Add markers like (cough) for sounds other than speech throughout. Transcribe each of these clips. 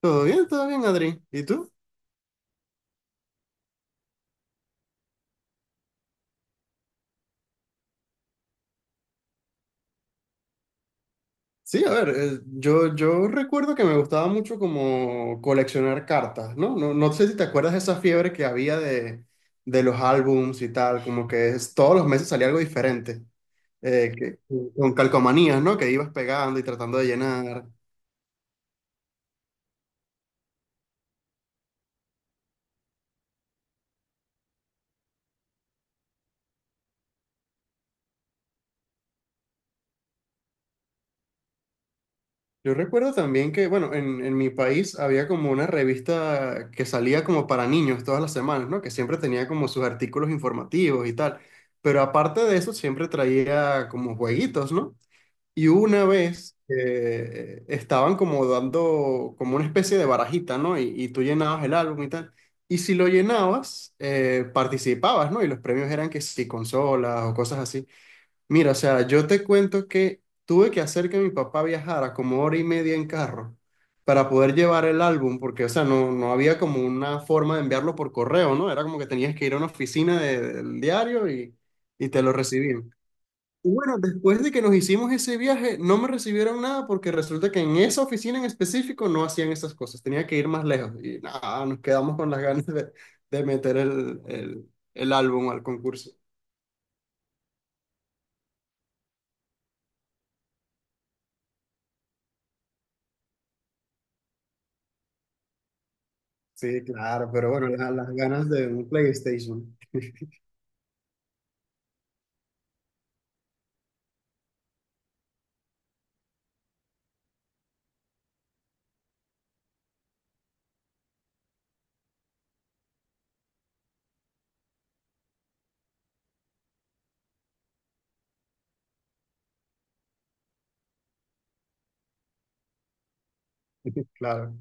Todo bien, Adri. ¿Y tú? Sí, a ver, yo recuerdo que me gustaba mucho como coleccionar cartas, ¿no? No, no sé si te acuerdas de esa fiebre que había de los álbums y tal, como que todos los meses salía algo diferente, eh, que, con calcomanías, ¿no? Que ibas pegando y tratando de llenar. Yo recuerdo también que, bueno, en mi país había como una revista que salía como para niños todas las semanas, ¿no? Que siempre tenía como sus artículos informativos y tal. Pero aparte de eso, siempre traía como jueguitos, ¿no? Y una vez estaban como dando como una especie de barajita, ¿no? Y tú llenabas el álbum y tal. Y si lo llenabas, participabas, ¿no? Y los premios eran que si consolas o cosas así. Mira, o sea, yo te cuento que tuve que hacer que mi papá viajara como hora y media en carro para poder llevar el álbum, porque, o sea, no, no había como una forma de enviarlo por correo, ¿no? Era como que tenías que ir a una oficina del diario y te lo recibían. Y bueno, después de que nos hicimos ese viaje, no me recibieron nada porque resulta que en esa oficina en específico no hacían esas cosas, tenía que ir más lejos y nada, nos quedamos con las ganas de meter el álbum al concurso. Sí, claro, pero bueno, las ganas de un PlayStation. (laughs) Claro.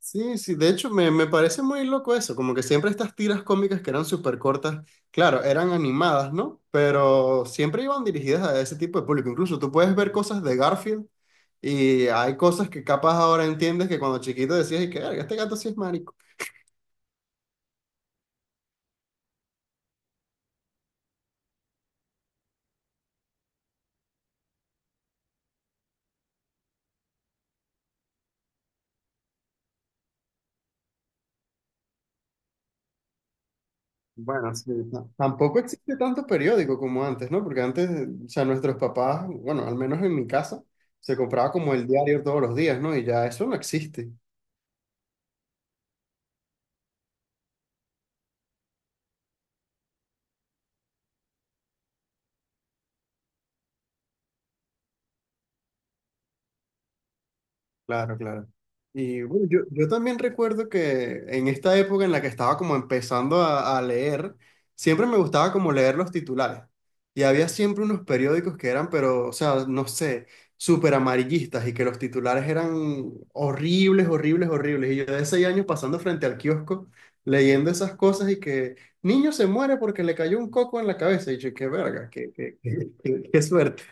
Sí, sí, de hecho me parece muy loco eso, como que siempre estas tiras cómicas que eran súper cortas, claro, eran animadas, ¿no? Pero siempre iban dirigidas a ese tipo de público. Incluso tú puedes ver cosas de Garfield y hay cosas que capaz ahora entiendes que cuando chiquito decías, y que "Verga, este gato sí es". Bueno, sí, tampoco existe tanto periódico como antes, ¿no? Porque antes, o sea, nuestros papás, bueno, al menos en mi casa, se compraba como el diario todos los días, ¿no? Y ya eso no existe. Claro, claro. Y bueno, yo también recuerdo que en esta época en la que estaba como empezando a leer, siempre me gustaba como leer los titulares. Y había siempre unos periódicos que eran, pero, o sea, no sé, súper amarillistas y que los titulares eran horribles, horribles, horribles. Y yo de 6 años pasando frente al kiosco, leyendo esas cosas y que niño se muere porque le cayó un coco en la cabeza. Y yo, qué verga, qué, qué, qué, qué suerte.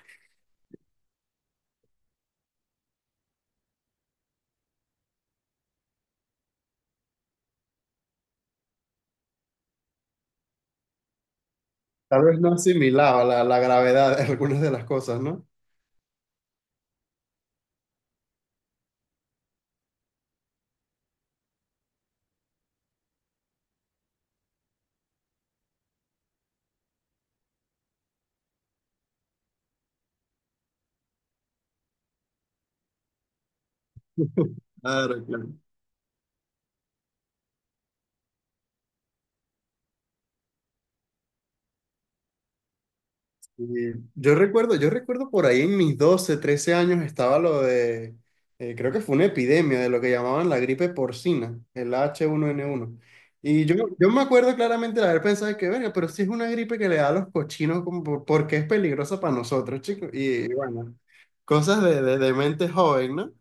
Tal vez no asimilaba la gravedad de algunas de las cosas, ¿no? Claro, claro. Y yo recuerdo por ahí en mis 12, 13 años estaba lo de, creo que fue una epidemia de lo que llamaban la gripe porcina, el H1N1. Y yo me acuerdo claramente de haber pensado que, venga, pero si es una gripe que le da a los cochinos, ¿como porque es peligrosa para nosotros, chicos? Y, bueno, cosas de mente joven, ¿no?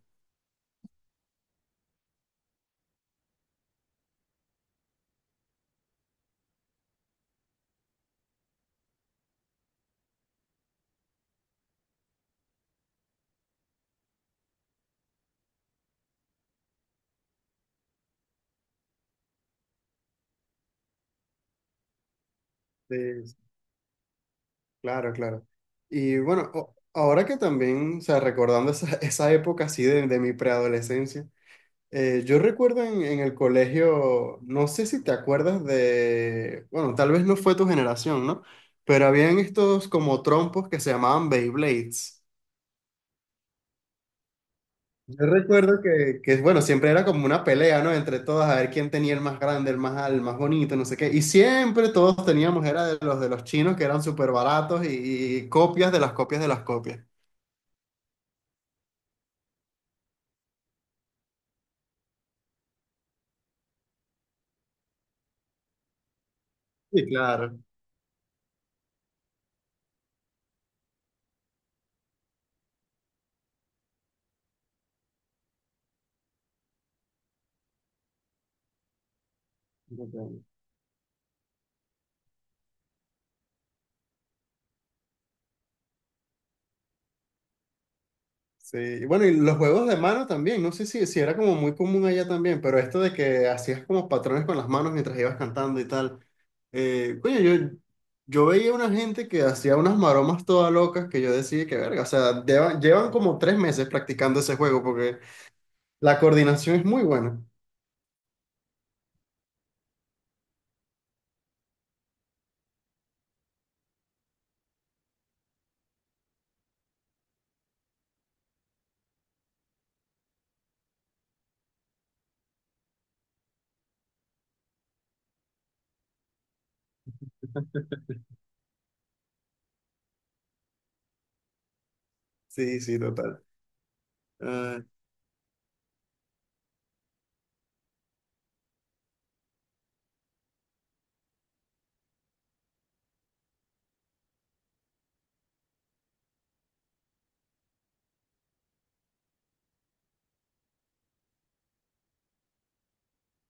De- claro, claro. Y bueno, ahora que también, o sea, recordando esa, época así de mi preadolescencia. Yo recuerdo en el colegio, no sé si te acuerdas de, bueno, tal vez no fue tu generación, ¿no? Pero habían estos como trompos que se llamaban Beyblades. Yo recuerdo bueno, siempre era como una pelea, ¿no? Entre todas, a ver quién tenía el más grande, el más, el más bonito, no sé qué. Y siempre todos teníamos, era de los chinos que eran súper baratos y copias de las copias de las copias. Sí, claro. Sí, y bueno, y los juegos de mano también, no sé si era como muy común allá también, pero esto de que hacías como patrones con las manos mientras ibas cantando y tal. Coño, yo veía una gente que hacía unas maromas todas locas que yo decía que verga, o sea, llevan como 3 meses practicando ese juego porque la coordinación es muy buena. Sí, sí, total. Ah,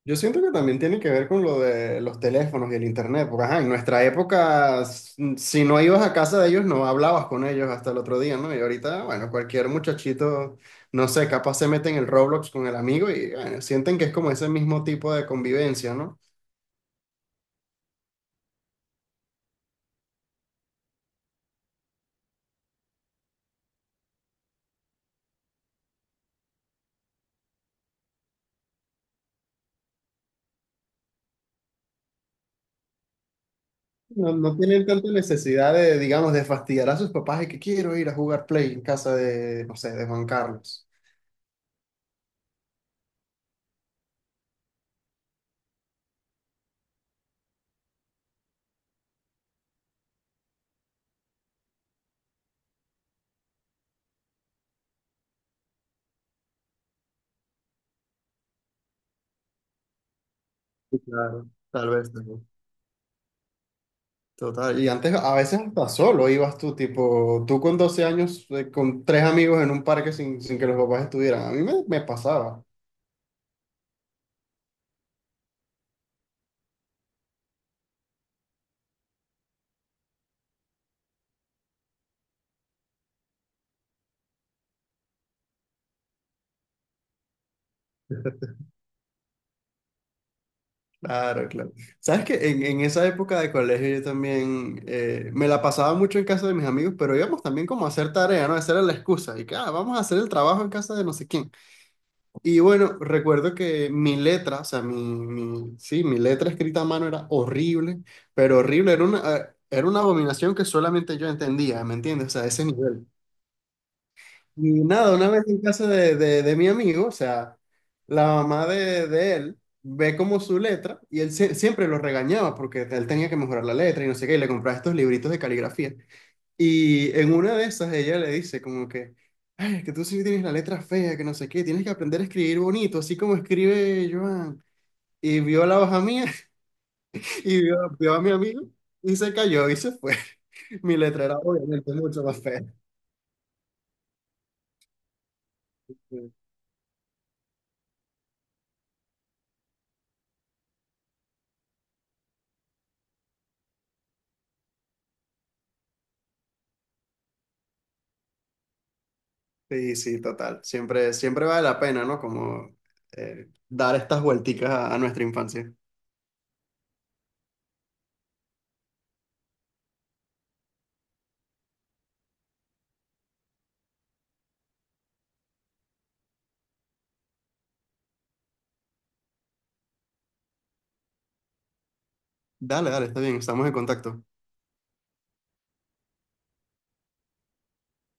yo siento que también tiene que ver con lo de los teléfonos y el internet, porque ajá, en nuestra época, si no ibas a casa de ellos, no hablabas con ellos hasta el otro día, ¿no? Y ahorita, bueno, cualquier muchachito, no sé, capaz se mete en el Roblox con el amigo y bueno, sienten que es como ese mismo tipo de convivencia, ¿no? No, no tienen tanta necesidad de, digamos, de fastidiar a sus papás y que quiero ir a jugar Play en casa de, no sé, de Juan Carlos. Sí, claro, tal vez. Total, y antes a veces hasta solo ibas tú, tipo, tú con 12 años, con tres amigos en un parque sin que los papás estuvieran. A mí me pasaba. Claro, claro. Sabes que en esa época de colegio yo también me la pasaba mucho en casa de mis amigos, pero íbamos también como a hacer tarea, ¿no? Esa era la excusa. Y que, ah, vamos a hacer el trabajo en casa de no sé quién. Y bueno, recuerdo que mi letra, o sea, sí, mi letra escrita a mano era horrible, pero horrible, era una abominación que solamente yo entendía, ¿me entiendes? O sea, ese nivel. Y nada, una vez en casa de mi amigo, o sea, la mamá de él ve como su letra y él siempre lo regañaba porque él tenía que mejorar la letra y no sé qué, y le compraba estos libritos de caligrafía. Y en una de esas ella le dice como que, ay, que tú sí tienes la letra fea, que no sé qué, tienes que aprender a escribir bonito, así como escribe Joan. Y vio la hoja mía (laughs) y vio, vio a mi amigo y se cayó y se fue. (laughs) Mi letra era obviamente mucho más fea. Sí, sí, total. Siempre, siempre vale la pena, ¿no? Como dar estas vuelticas a nuestra infancia. Dale, dale, está bien, estamos en contacto.